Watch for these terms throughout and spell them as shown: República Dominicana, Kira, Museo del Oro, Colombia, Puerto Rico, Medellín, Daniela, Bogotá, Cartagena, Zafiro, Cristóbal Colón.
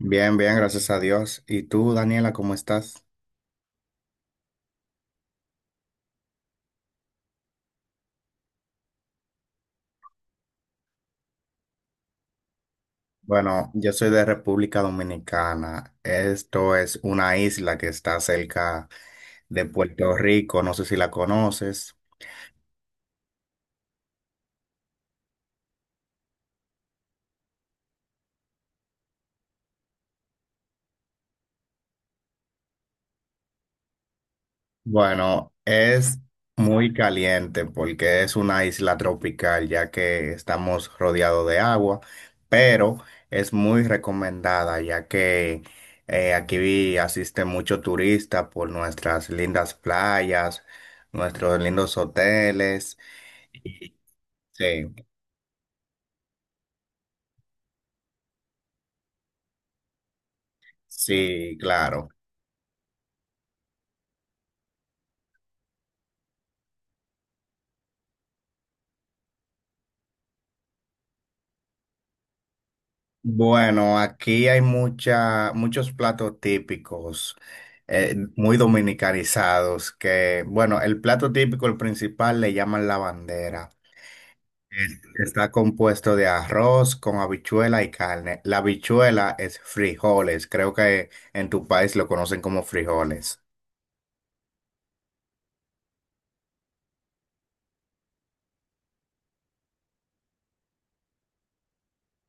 Bien, bien, gracias a Dios. ¿Y tú, Daniela, cómo estás? Bueno, yo soy de República Dominicana. Esto es una isla que está cerca de Puerto Rico. No sé si la conoces. Bueno, es muy caliente porque es una isla tropical, ya que estamos rodeados de agua, pero es muy recomendada, ya que aquí asiste mucho turista por nuestras lindas playas, nuestros lindos hoteles. Sí, sí, claro. Bueno, aquí hay muchos platos típicos, muy dominicanizados, que, bueno, el plato típico, el principal, le llaman la bandera. Está compuesto de arroz con habichuela y carne. La habichuela es frijoles, creo que en tu país lo conocen como frijoles.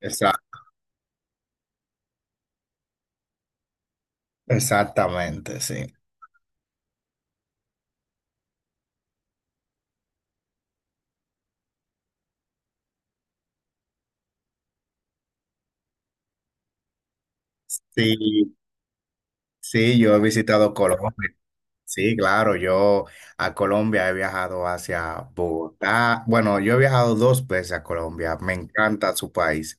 Exacto. Exactamente, sí. Sí, sí, yo he visitado Colombia. Sí, claro, yo a Colombia he viajado hacia Bogotá. Bueno, yo he viajado dos veces a Colombia, me encanta su país.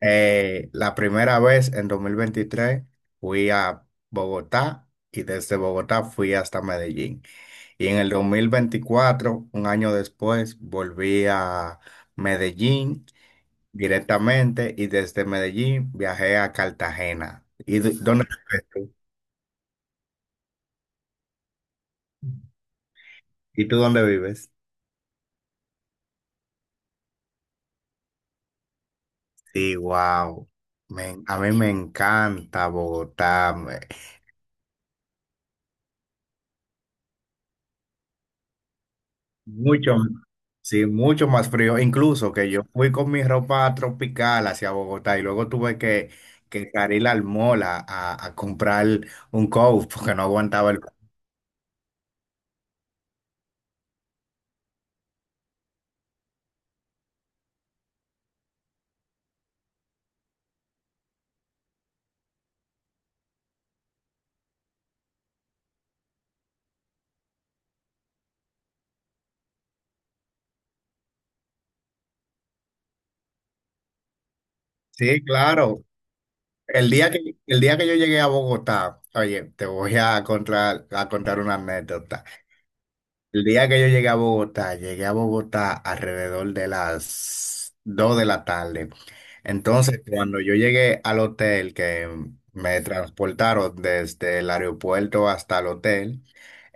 La primera vez en 2023 fui a Bogotá y desde Bogotá fui hasta Medellín. Y en el 2024, un año después, volví a Medellín directamente y desde Medellín viajé a Cartagena. Dónde vives tú? ¿Y tú dónde vives? Sí, wow. A mí me encanta Bogotá. Mucho, sí, mucho más frío. Incluso que yo fui con mi ropa tropical hacia Bogotá y luego que salir al mall a comprar un coat porque no aguantaba el... Sí, claro. El día que yo llegué a Bogotá, oye, te voy a a contar una anécdota. El día que yo llegué a Bogotá alrededor de las 2 de la tarde. Entonces, cuando yo llegué al hotel, que me transportaron desde el aeropuerto hasta el hotel,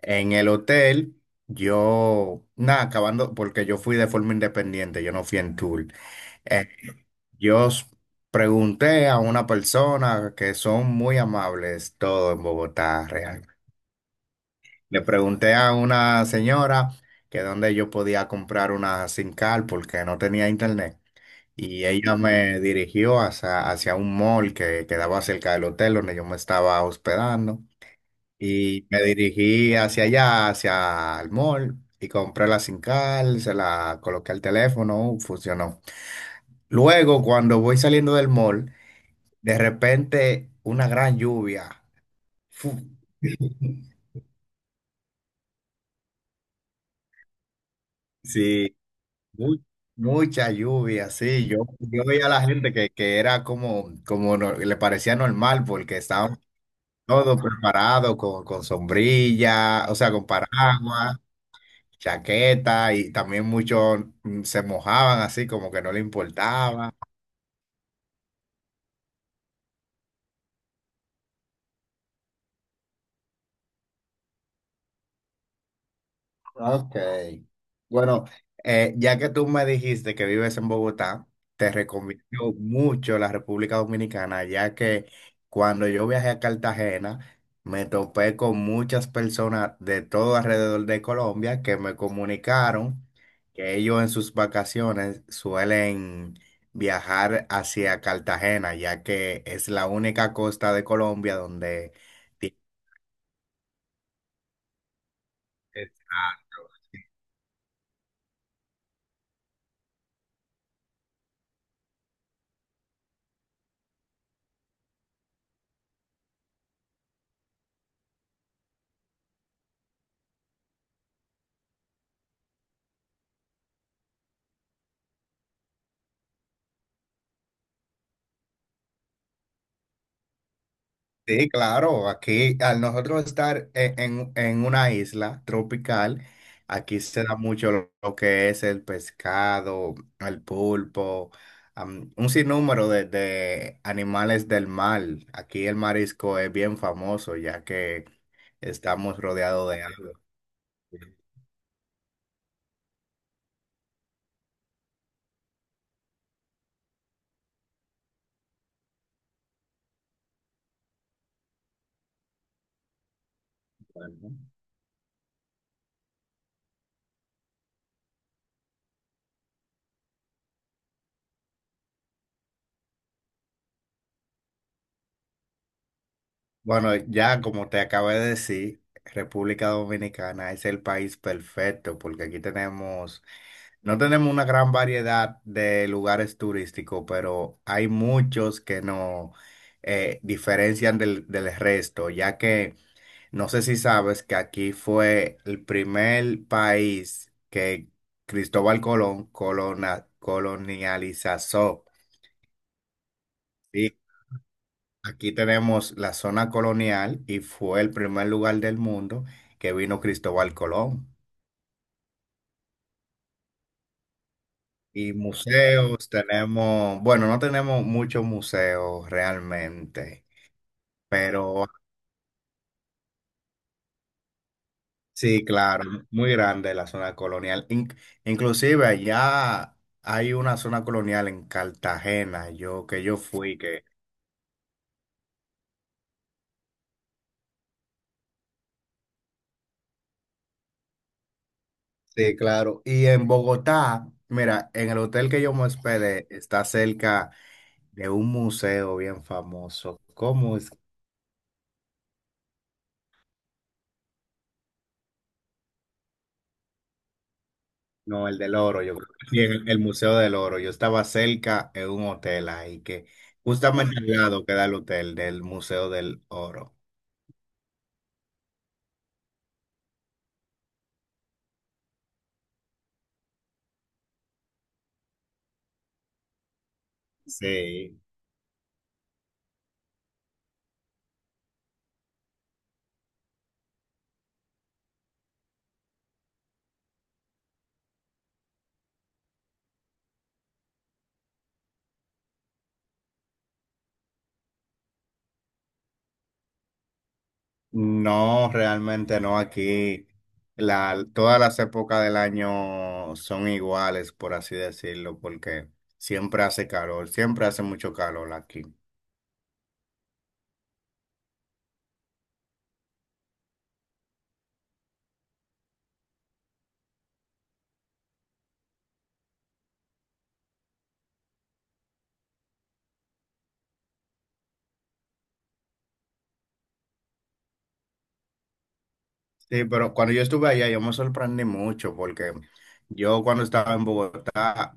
en el hotel yo, nada, acabando, porque yo fui de forma independiente, yo no fui en tour. Eh, yo s- pregunté a una persona que son muy amables, todo en Bogotá, realmente. Le pregunté a una señora que dónde yo podía comprar una SIM card porque no tenía internet. Y ella me dirigió hacia un mall que quedaba cerca del hotel donde yo me estaba hospedando. Y me dirigí hacia allá, hacia el mall, y compré la SIM card, se la coloqué al teléfono, funcionó. Luego, cuando voy saliendo del mall, de repente una gran lluvia. Fu- Sí, Mu- Mucha lluvia, sí. Yo veía a la gente que era como, le parecía normal porque estaban todos preparados con sombrilla, o sea, con paraguas, chaqueta y también muchos se mojaban así como que no le importaba. Ok. Bueno, ya que tú me dijiste que vives en Bogotá, te recomiendo mucho la República Dominicana, ya que cuando yo viajé a Cartagena, me topé con muchas personas de todo alrededor de Colombia que me comunicaron que ellos en sus vacaciones suelen viajar hacia Cartagena, ya que es la única costa de Colombia donde... tiene sí, claro, aquí al nosotros en una isla tropical, aquí se da mucho lo que es el pescado, el pulpo, un sinnúmero de animales del mar. Aquí el marisco es bien famoso ya que estamos rodeados de agua. Bueno, bueno, ya como te acabo de decir, República Dominicana es el país perfecto porque aquí tenemos. No tenemos una gran variedad de lugares turísticos, pero hay muchos que nos diferencian del resto, ya que no sé si sabes que aquí fue el primer país que Cristóbal Colón colonializó. Sí, aquí tenemos la zona colonial y fue el primer lugar del mundo que vino Cristóbal Colón. Y museos tenemos, bueno, no tenemos muchos museos realmente, pero sí, claro, muy grande la zona colonial. Inclusive allá hay una zona colonial en Cartagena, yo fui, que sí, claro. Y en Bogotá, mira, en el hotel que yo me hospedé está cerca de un museo bien famoso. ¿Cómo es? No, el del oro, yo creo que sí, el Museo del Oro. Yo estaba cerca en un hotel ahí, que justamente al lado queda el hotel del Museo del Oro. Sí. No, realmente no, aquí todas las épocas del año son iguales, por así decirlo, porque siempre hace calor, siempre hace mucho calor aquí. Sí, pero cuando yo estuve allá, yo me sorprendí mucho, porque yo cuando estaba en Bogotá,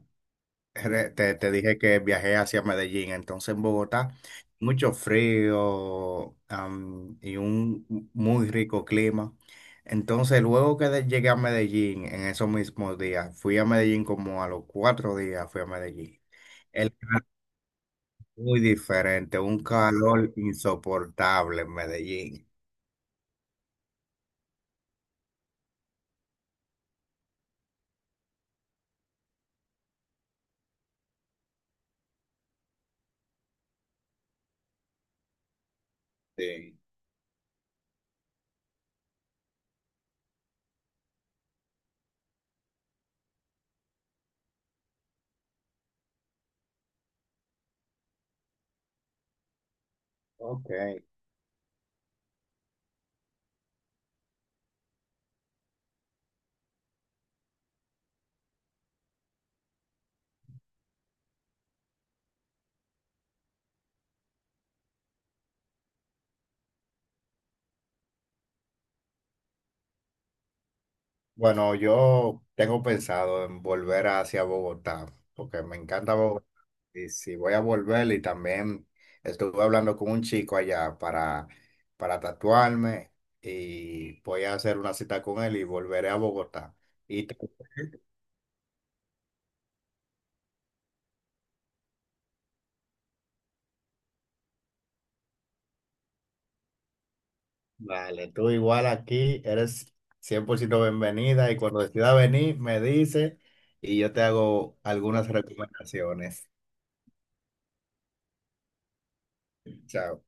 te dije que viajé hacia Medellín, entonces en Bogotá, mucho frío, y un muy rico clima. Entonces, luego llegué a Medellín, en esos mismos días, fui a Medellín como a los 4 días, fui a Medellín. Es muy diferente, un calor insoportable en Medellín. Sí. Ok. Bueno, yo tengo pensado en volver hacia Bogotá, porque me encanta Bogotá. Sí, sí, voy a volver y también estuve hablando con un chico allá para tatuarme y voy a hacer una cita con él y volveré a Bogotá. Y tú, vale, tú igual aquí eres 100% bienvenida y cuando decida venir me dice y yo te hago algunas recomendaciones. Chao.